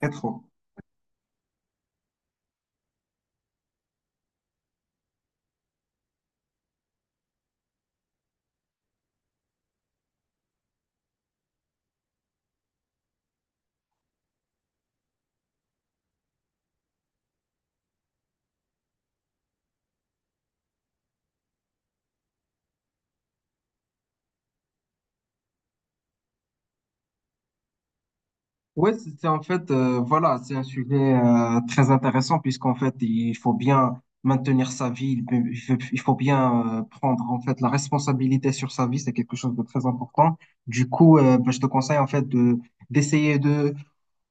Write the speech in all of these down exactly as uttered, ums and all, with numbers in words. Quatre ans. Ouais, c'est c'est en fait, euh, voilà, c'est un sujet euh, très intéressant puisqu'en fait, il faut bien maintenir sa vie, il peut- il faut il faut bien euh, prendre en fait la responsabilité sur sa vie, c'est quelque chose de très important. Du coup, euh, bah, je te conseille en fait de d'essayer de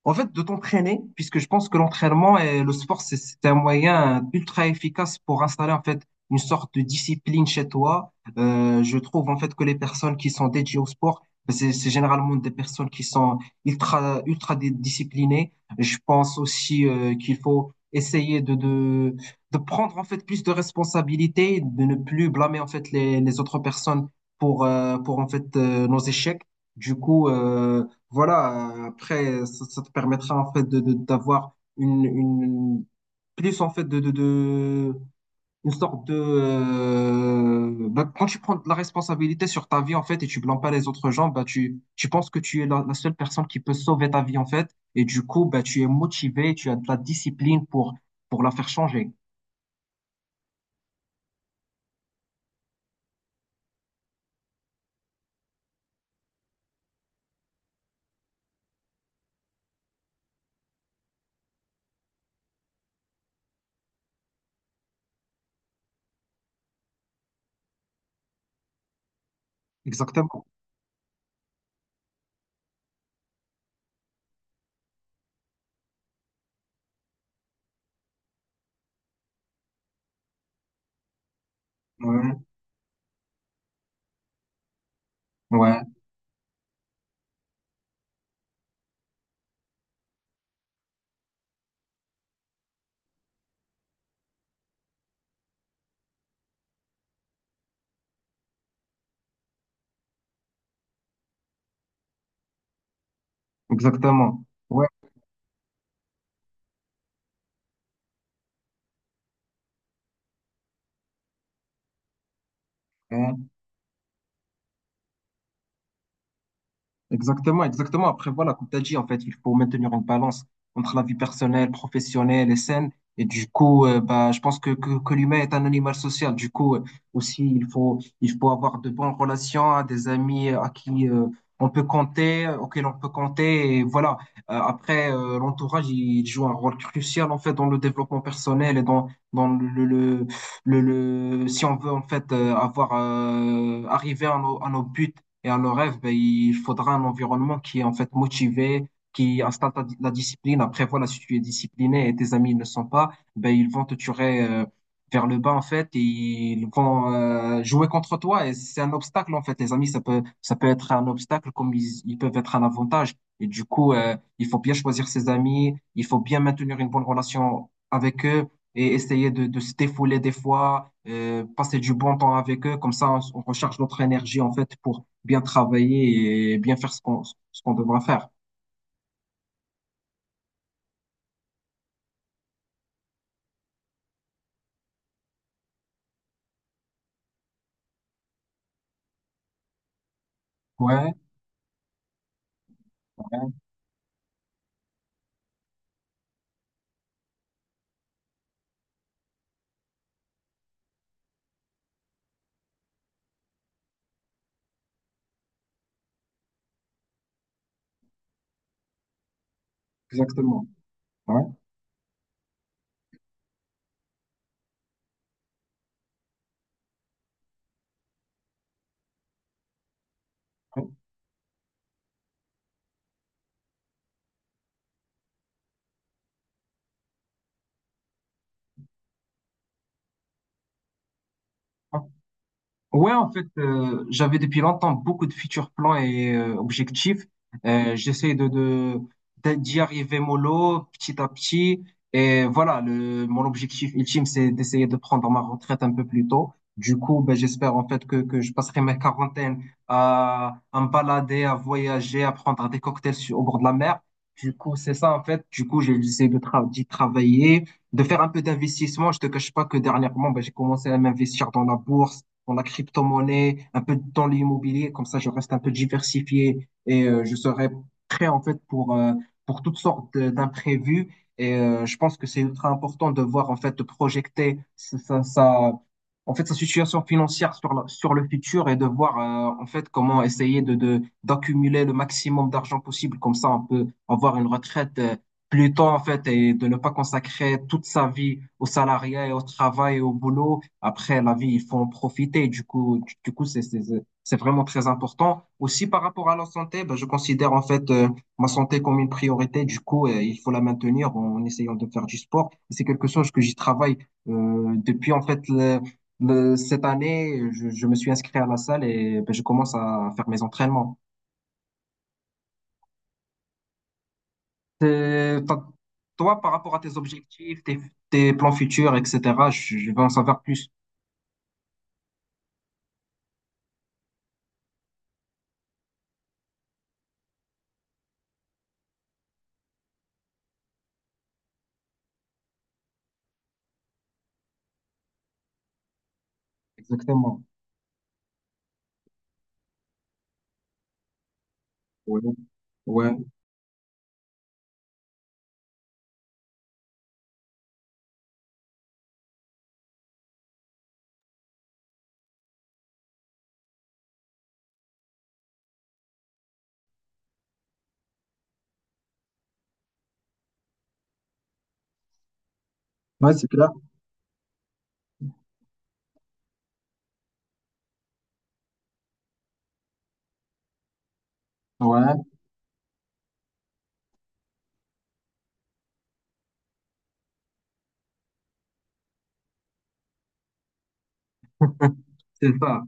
En fait, de t'entraîner, puisque je pense que l'entraînement et le sport, c'est c'est un moyen ultra efficace pour installer en fait une sorte de discipline chez toi. Euh, je trouve en fait que les personnes qui sont dédiées au sport, ben, c'est c'est généralement des personnes qui sont ultra ultra dé- disciplinées. Je pense aussi euh, qu'il faut essayer de, de de prendre en fait plus de responsabilités, de ne plus blâmer en fait les les autres personnes pour euh, pour en fait euh, nos échecs. Du coup, euh, voilà, euh, après, ça, ça te permettra en fait de, de- d'avoir une, une plus en fait de, de, de une sorte de euh, bah, quand tu prends de la responsabilité sur ta vie en fait et tu blâmes pas les autres gens, bah tu tu penses que tu es la, la seule personne qui peut sauver ta vie en fait, et du coup bah tu es motivé, tu as de la discipline pour pour la faire changer. Exactement. Ouais, ouais, exactement. Ouais. Ouais. Exactement, exactement. Après, voilà, comme tu as dit, en fait, il faut maintenir une balance entre la vie personnelle, professionnelle et saine. Et du coup, euh, bah, je pense que, que, que l'humain est un animal social. Du coup, euh, aussi, il faut, il faut avoir de bonnes relations, hein, des amis euh, à qui euh, on peut compter, euh, auxquels on peut compter. Et voilà. Euh, après, euh, l'entourage, il joue un rôle crucial, en fait, dans le développement personnel et dans, dans le, le, le, le- si on veut, en fait, euh, avoir, euh, arriver à nos, à nos buts et à nos rêves, ben, il faudra un environnement qui est en fait motivé, qui installe ta- la discipline. Après, voilà, si tu es discipliné et tes amis ne le sont pas, ben, ils vont te tirer euh, vers le bas en fait et ils vont euh, jouer contre toi. Et c'est un obstacle en fait. Les amis, ça peut, ça peut être un obstacle comme ils, ils peuvent être un avantage. Et du coup, euh, il faut bien choisir ses amis, il faut bien maintenir une bonne relation avec eux et essayer de, de se défouler des fois, euh, passer du bon temps avec eux. Comme ça, on, on recharge notre énergie en fait pour bien travailler et bien faire ce qu'on ce qu'on devra faire. Ouais, ouais, exactement. Ouais, ouais. Ouais, en fait, euh, j'avais depuis longtemps beaucoup de futurs plans et euh, objectifs. Euh, j'essaie de, de, d'a- d'y arriver mollo, petit à petit. Et voilà, le, mon objectif ultime, c'est d'essayer de prendre ma retraite un peu plus tôt. Du coup, ben, j'espère en fait que, que je passerai ma quarantaine à, à me balader, à voyager, à prendre des cocktails sur- au bord de la mer. Du coup, c'est ça en fait. Du coup, j'ai j'essaie de tra- d'y travailler, de faire un peu d'investissement. Je te cache pas que dernièrement, ben, j'ai commencé à m'investir dans la bourse, dans la crypto-monnaie, un peu dans l'immobilier. Comme ça, je reste un peu diversifié et euh, je serai prêt en fait pour, euh, pour toutes sortes de- d'imprévus. Et euh, je pense que c'est ultra important de voir en fait, de projeter sa, sa, sa- en fait, sa situation financière sur, la- sur le futur et de voir euh, en fait comment essayer de, de, d'accumuler le maximum d'argent possible. Comme ça, on peut avoir une retraite. Euh, plus tôt en fait, et de ne pas consacrer toute sa vie au salariat et au travail et au boulot. Après, la vie, il faut en profiter. Du coup, du, du coup, c'est, c'est, c'est c'est vraiment très important. Aussi, par rapport à la santé, ben, je considère en fait euh, ma santé comme une priorité. Du coup, euh, il faut la maintenir en essayant de faire du sport. Et c'est quelque chose que j'y travaille euh, depuis en fait le- le- cette année. Je, je me suis inscrit à la salle et ben, je commence à faire mes entraînements. Euh, t'as- Toi, par rapport à tes objectifs, tes, tes plans futurs, et cetera, je, je veux en savoir plus. Exactement. Ouais, ouais, ouais, c'est clair. Ouais, c'est ça.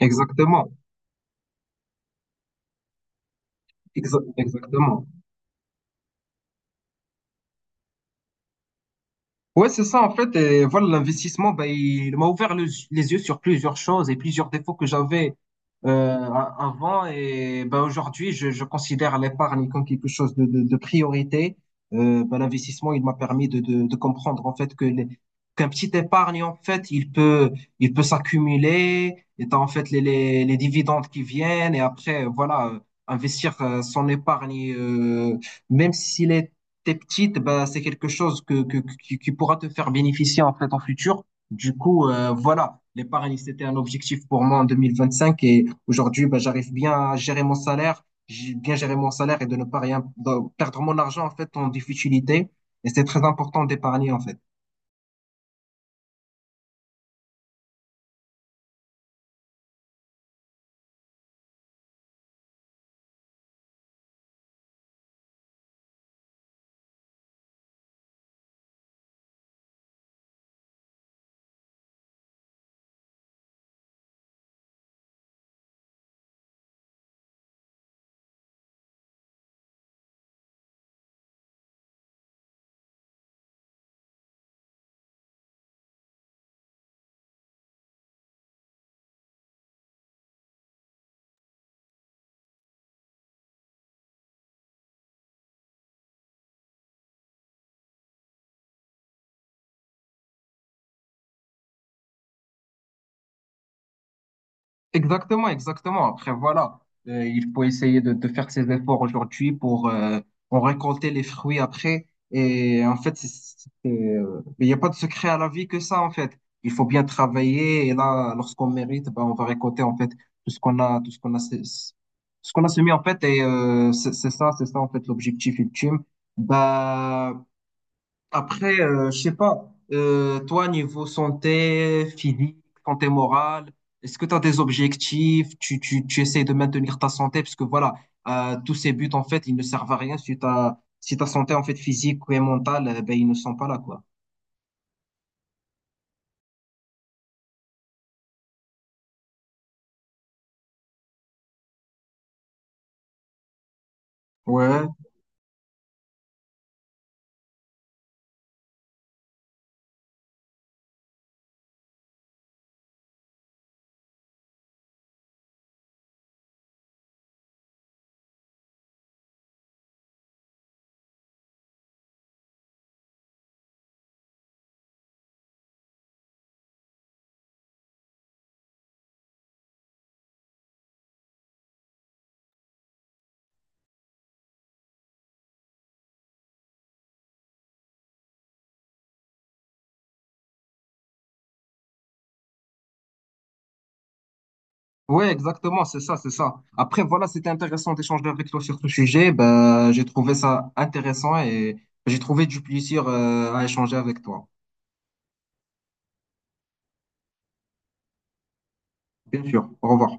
Exactement. Exa- exactement. Ouais, c'est ça, en fait. Et voilà, l'investissement, ben, il m'a ouvert le- les yeux sur plusieurs choses et plusieurs défauts que j'avais euh, a- avant. Et ben, aujourd'hui, je, je considère l'épargne comme quelque chose de, de, de priorité. Euh, ben, l'investissement, il m'a permis de, de, de comprendre, en fait, que les, qu'un petit épargne, en fait, il peut, il peut s'accumuler. Et t'as, en fait, les, les, les dividendes qui viennent. Et après, voilà, euh, investir euh, son épargne, euh, même s'il est t'es petite, bah, c'est quelque chose que, que, qui, qui pourra te faire bénéficier en fait en futur. Du coup, euh, voilà, l'épargne, c'était un objectif pour moi en deux mille vingt-cinq, et aujourd'hui, bah, j'arrive bien à gérer mon salaire, j'ai bien géré mon salaire et de ne pas rien de perdre mon argent en fait en difficulté. Et c'est très important d'épargner en fait. Exactement, exactement. Après, voilà, Euh, il faut essayer de, de faire ses efforts aujourd'hui pour euh, en récolter les fruits après. Et en fait, c'est, c'est- euh, il n'y a pas de secret à la vie que ça, en fait. Il faut bien travailler et là, lorsqu'on mérite, ben, on va récolter en fait tout ce qu'on a, tout ce qu'on a, sé- ce qu'on a semé en fait. Et euh, c'est c'est ça, c'est ça en fait l'objectif ultime. Bah, après, euh, je sais pas, euh, toi, niveau santé physique, santé morale, est-ce que tu as des objectifs? Tu, tu, tu essaies de maintenir ta santé? Parce que voilà, euh, tous ces buts, en fait, ils ne servent à rien si ta, si ta santé, en fait, physique ou mentale, euh, ben, ils ne sont pas là, quoi. Ouais, ouais, exactement, c'est ça, c'est ça. Après, voilà, c'était intéressant d'échanger avec toi sur ce sujet. Ben, j'ai trouvé ça intéressant et j'ai trouvé du plaisir, euh, à échanger avec toi. Bien sûr, au revoir.